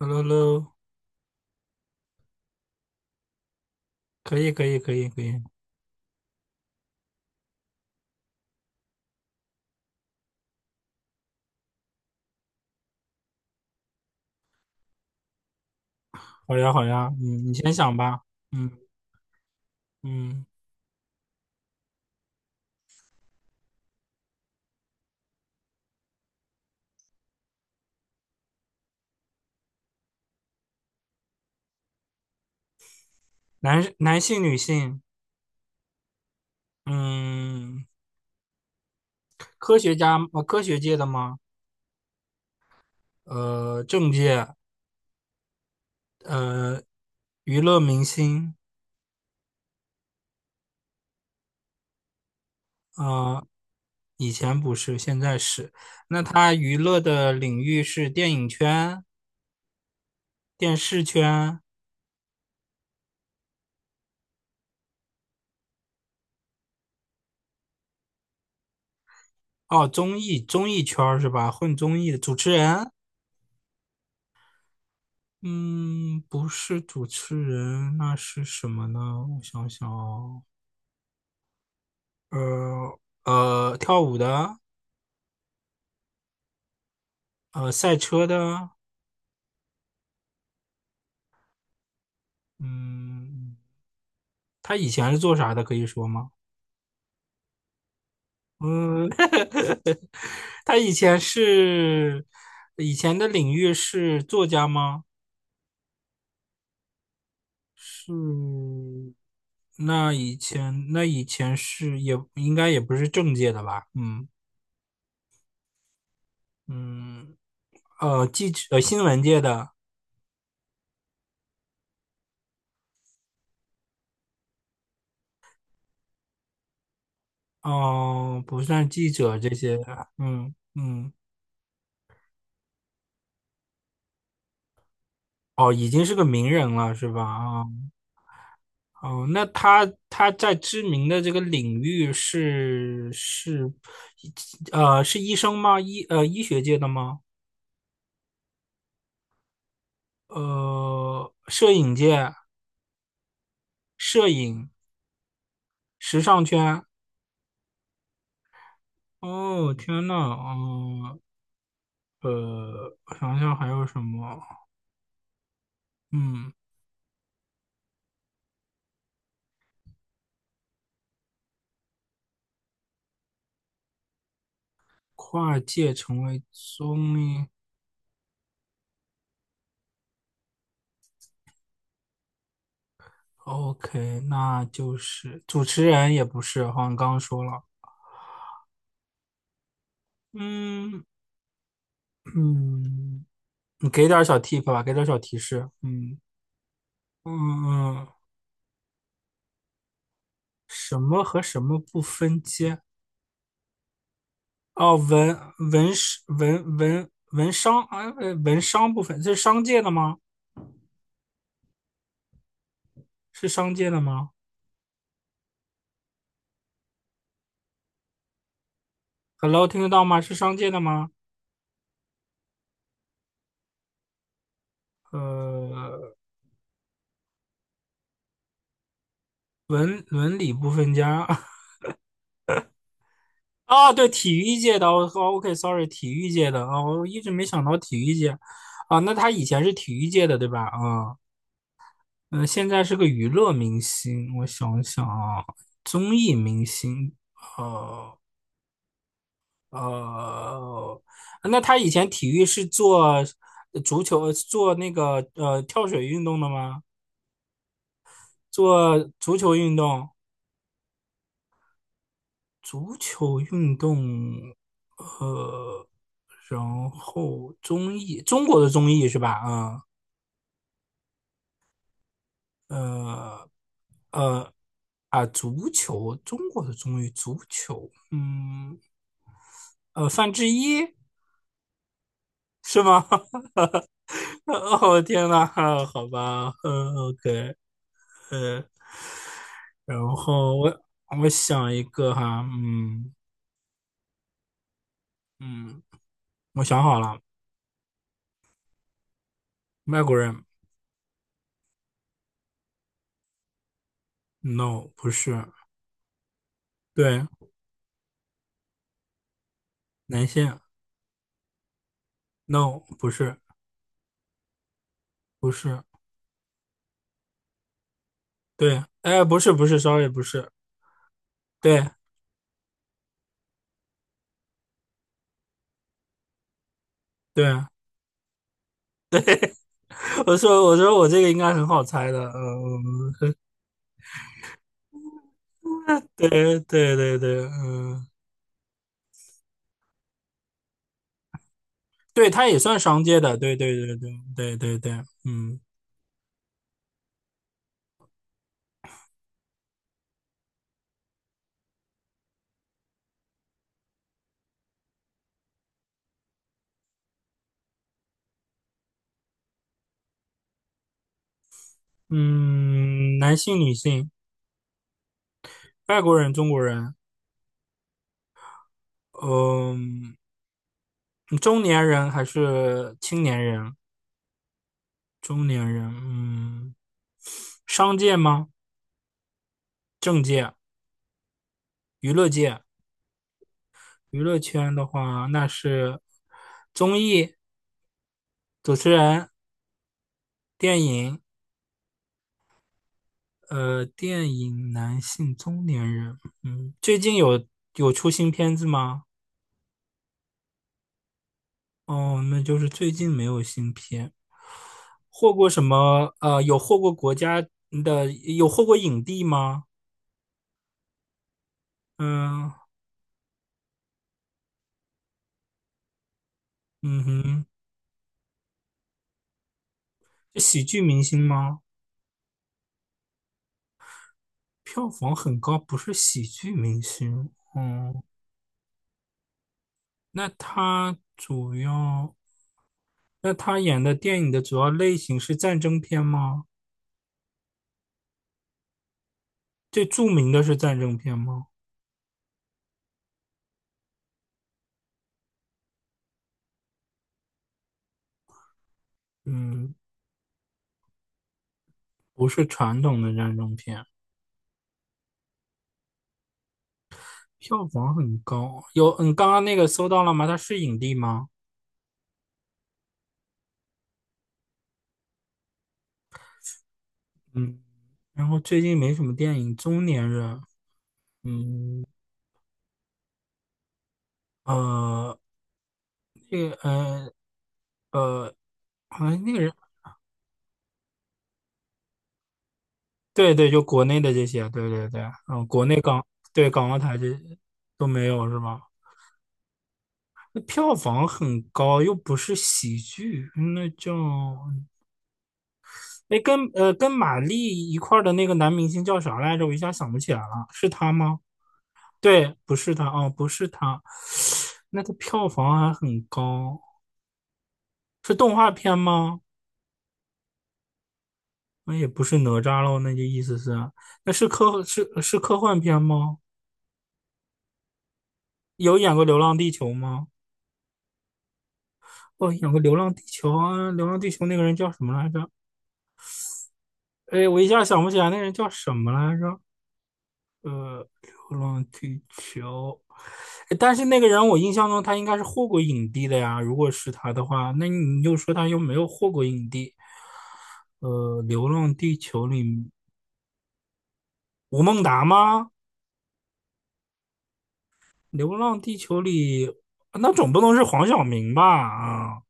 Hello hello，可以可以可以可以，好呀好呀，嗯，你先想吧，嗯嗯，男性女性，嗯，科学界的吗？政界，呃，娱乐明星，呃，以前不是，现在是。那他娱乐的领域是电影圈、电视圈，哦，综艺圈儿是吧？混综艺的主持人。嗯，不是主持人，那是什么呢？我想想哦，呃跳舞的，赛车的，嗯，他以前是做啥的？可以说吗？嗯，他以前的领域是作家吗？是，那以前是也应该也不是政界的吧？嗯嗯，新闻界的。哦，不算记者这些，嗯嗯，哦，已经是个名人了，是吧？啊、哦，哦，那他在知名的这个领域是医生吗？医学界的吗？摄影界、摄影、时尚圈。哦，天呐，哦，我想想还有什么？嗯，跨界成为综艺。OK，那就是主持人也不是，好像刚刚说了。嗯嗯，你给点儿小 tip 吧，给点儿小提示。嗯嗯嗯，什么和什么不分家？哦，文史文商啊，文商不分，这是商界的吗？是商界的吗？Hello，听得到吗？是商界的吗？呃，文理不分家。啊，对，体育界的，哦哦，OK，sorry，体育界的啊，我一直没想到体育界啊，那他以前是体育界的对吧？啊，嗯，现在是个娱乐明星，我想想啊，综艺明星，呃呃，那他以前体育是做足球，做那个跳水运动的吗？做足球运动，呃，然后综艺，中国的综艺是吧？啊、呃，呃，啊，足球，中国的综艺，足球，嗯，范志毅是吗？哦，天呐，啊好吧，嗯，OK，呃，然后我想一个哈，嗯嗯，我想好了，外国人，no，不是，对，男性 n o 不是。不是，对，哎，不是，不是，sorry，不是，对，对，我说我这个应该很好猜的，嗯，对，对，对，对，嗯，对，他也算商界的，对，对，对，对，对，对，对，嗯，嗯，男性、女性，外国人、中国人，嗯，中年人还是青年人？中年人，嗯，商界吗？政界、娱乐界、娱乐圈的话，那是综艺。主持人，电影，电影男性中年人，嗯，最近有出新片子吗？哦，那就是最近没有新片，获过什么？有获过国家的，有获过影帝吗？嗯嗯哼，是喜剧明星吗？票房很高，不是喜剧明星。哦，那他主要，那他演的电影的主要类型是战争片吗？最著名的是战争片吗？嗯，不是传统的战争片，票房很高。有，刚刚那个搜到了吗？它是影帝吗？嗯，然后最近没什么电影，中年人，嗯，呃，那个，呃，呃，好像那个人，对对，就国内的这些，对对对，嗯，国内港，对港澳台这都没有是吧？那票房很高，又不是喜剧，哎，跟跟马丽一块儿的那个男明星叫啥来着？我一下想不起来了，是他吗？对，不是他，哦，不是他，那个票房还很高，是动画片吗？那也不是哪吒喽，那就意思是，那是科是是科幻片吗？有演过《流浪地球》吗？哦，演过《流浪地球》啊，《流浪地球》那个人叫什么来着？哎，我一下想不起来那人叫什么来着。呃，流浪地球，诶但是那个人我印象中他应该是获过影帝的呀。如果是他的话，那你又说他又没有获过影帝？流浪地球里吴孟达吗？流浪地球里那总不能是黄晓明吧？啊，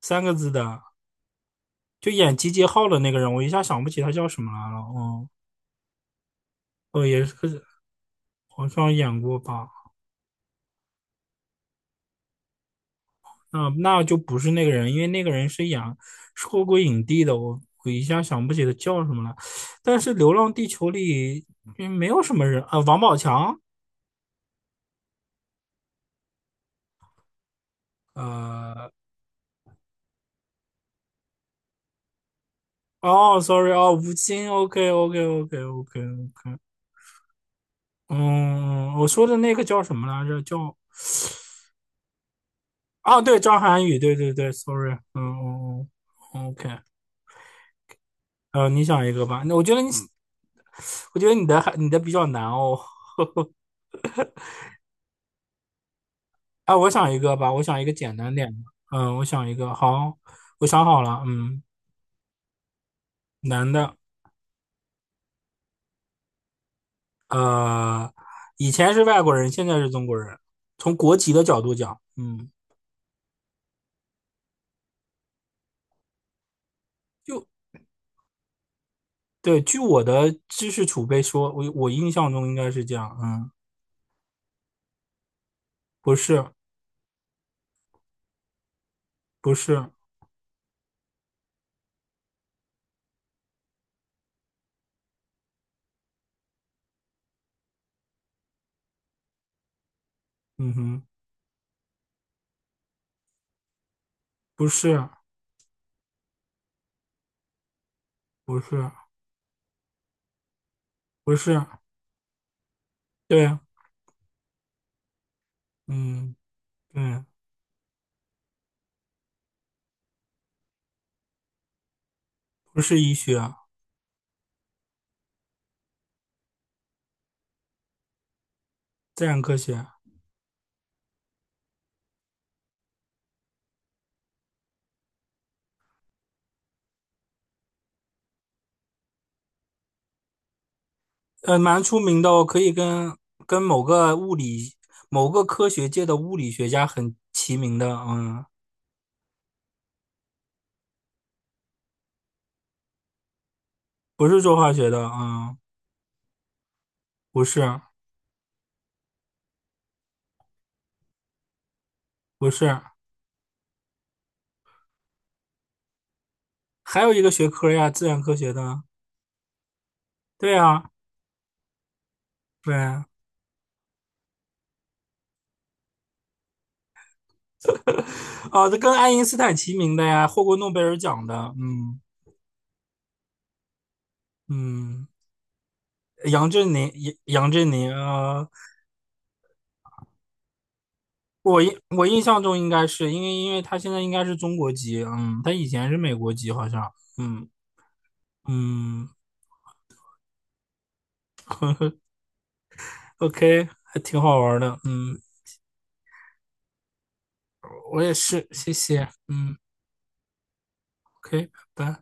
三个字的，就演集结号的那个人，我一下想不起他叫什么来了。哦，哦，也是好像演过吧？嗯，那就不是那个人，因为那个人是演获过影帝的，我一下想不起他叫什么了。但是《流浪地球》里没有什么人啊，王宝强，呃，哦，sorry，哦，吴京，OK，OK，OK，OK，OK，嗯，我说的那个叫什么来着？叫啊，对，张涵予，对对对，sorry，嗯嗯嗯，OK，你想一个吧，那我觉得你，我觉得你的还你的比较难哦，哎，我想一个吧，我想一个简单点的。嗯，我想一个，好，我想好了。嗯，男的，呃，以前是外国人，现在是中国人。从国籍的角度讲，嗯，就对，据我的知识储备说，我印象中应该是这样。嗯，不是，不是，嗯哼，不是，不是，不是，对，嗯，对，不是医学，自然科学，蛮出名的哦，可以跟某个物理、某个科学界的物理学家很齐名的，嗯，不是做化学的，嗯，不是，不是，还有一个学科呀，自然科学的，对呀，对，哦，这跟爱因斯坦齐名的呀，获过诺贝尔奖的，嗯嗯，杨振宁，杨振宁，我印象中应该是因为他现在应该是中国籍，嗯，他以前是美国籍好像，嗯嗯。OK，还挺好玩的，嗯，我也是，谢谢，嗯，OK，拜拜。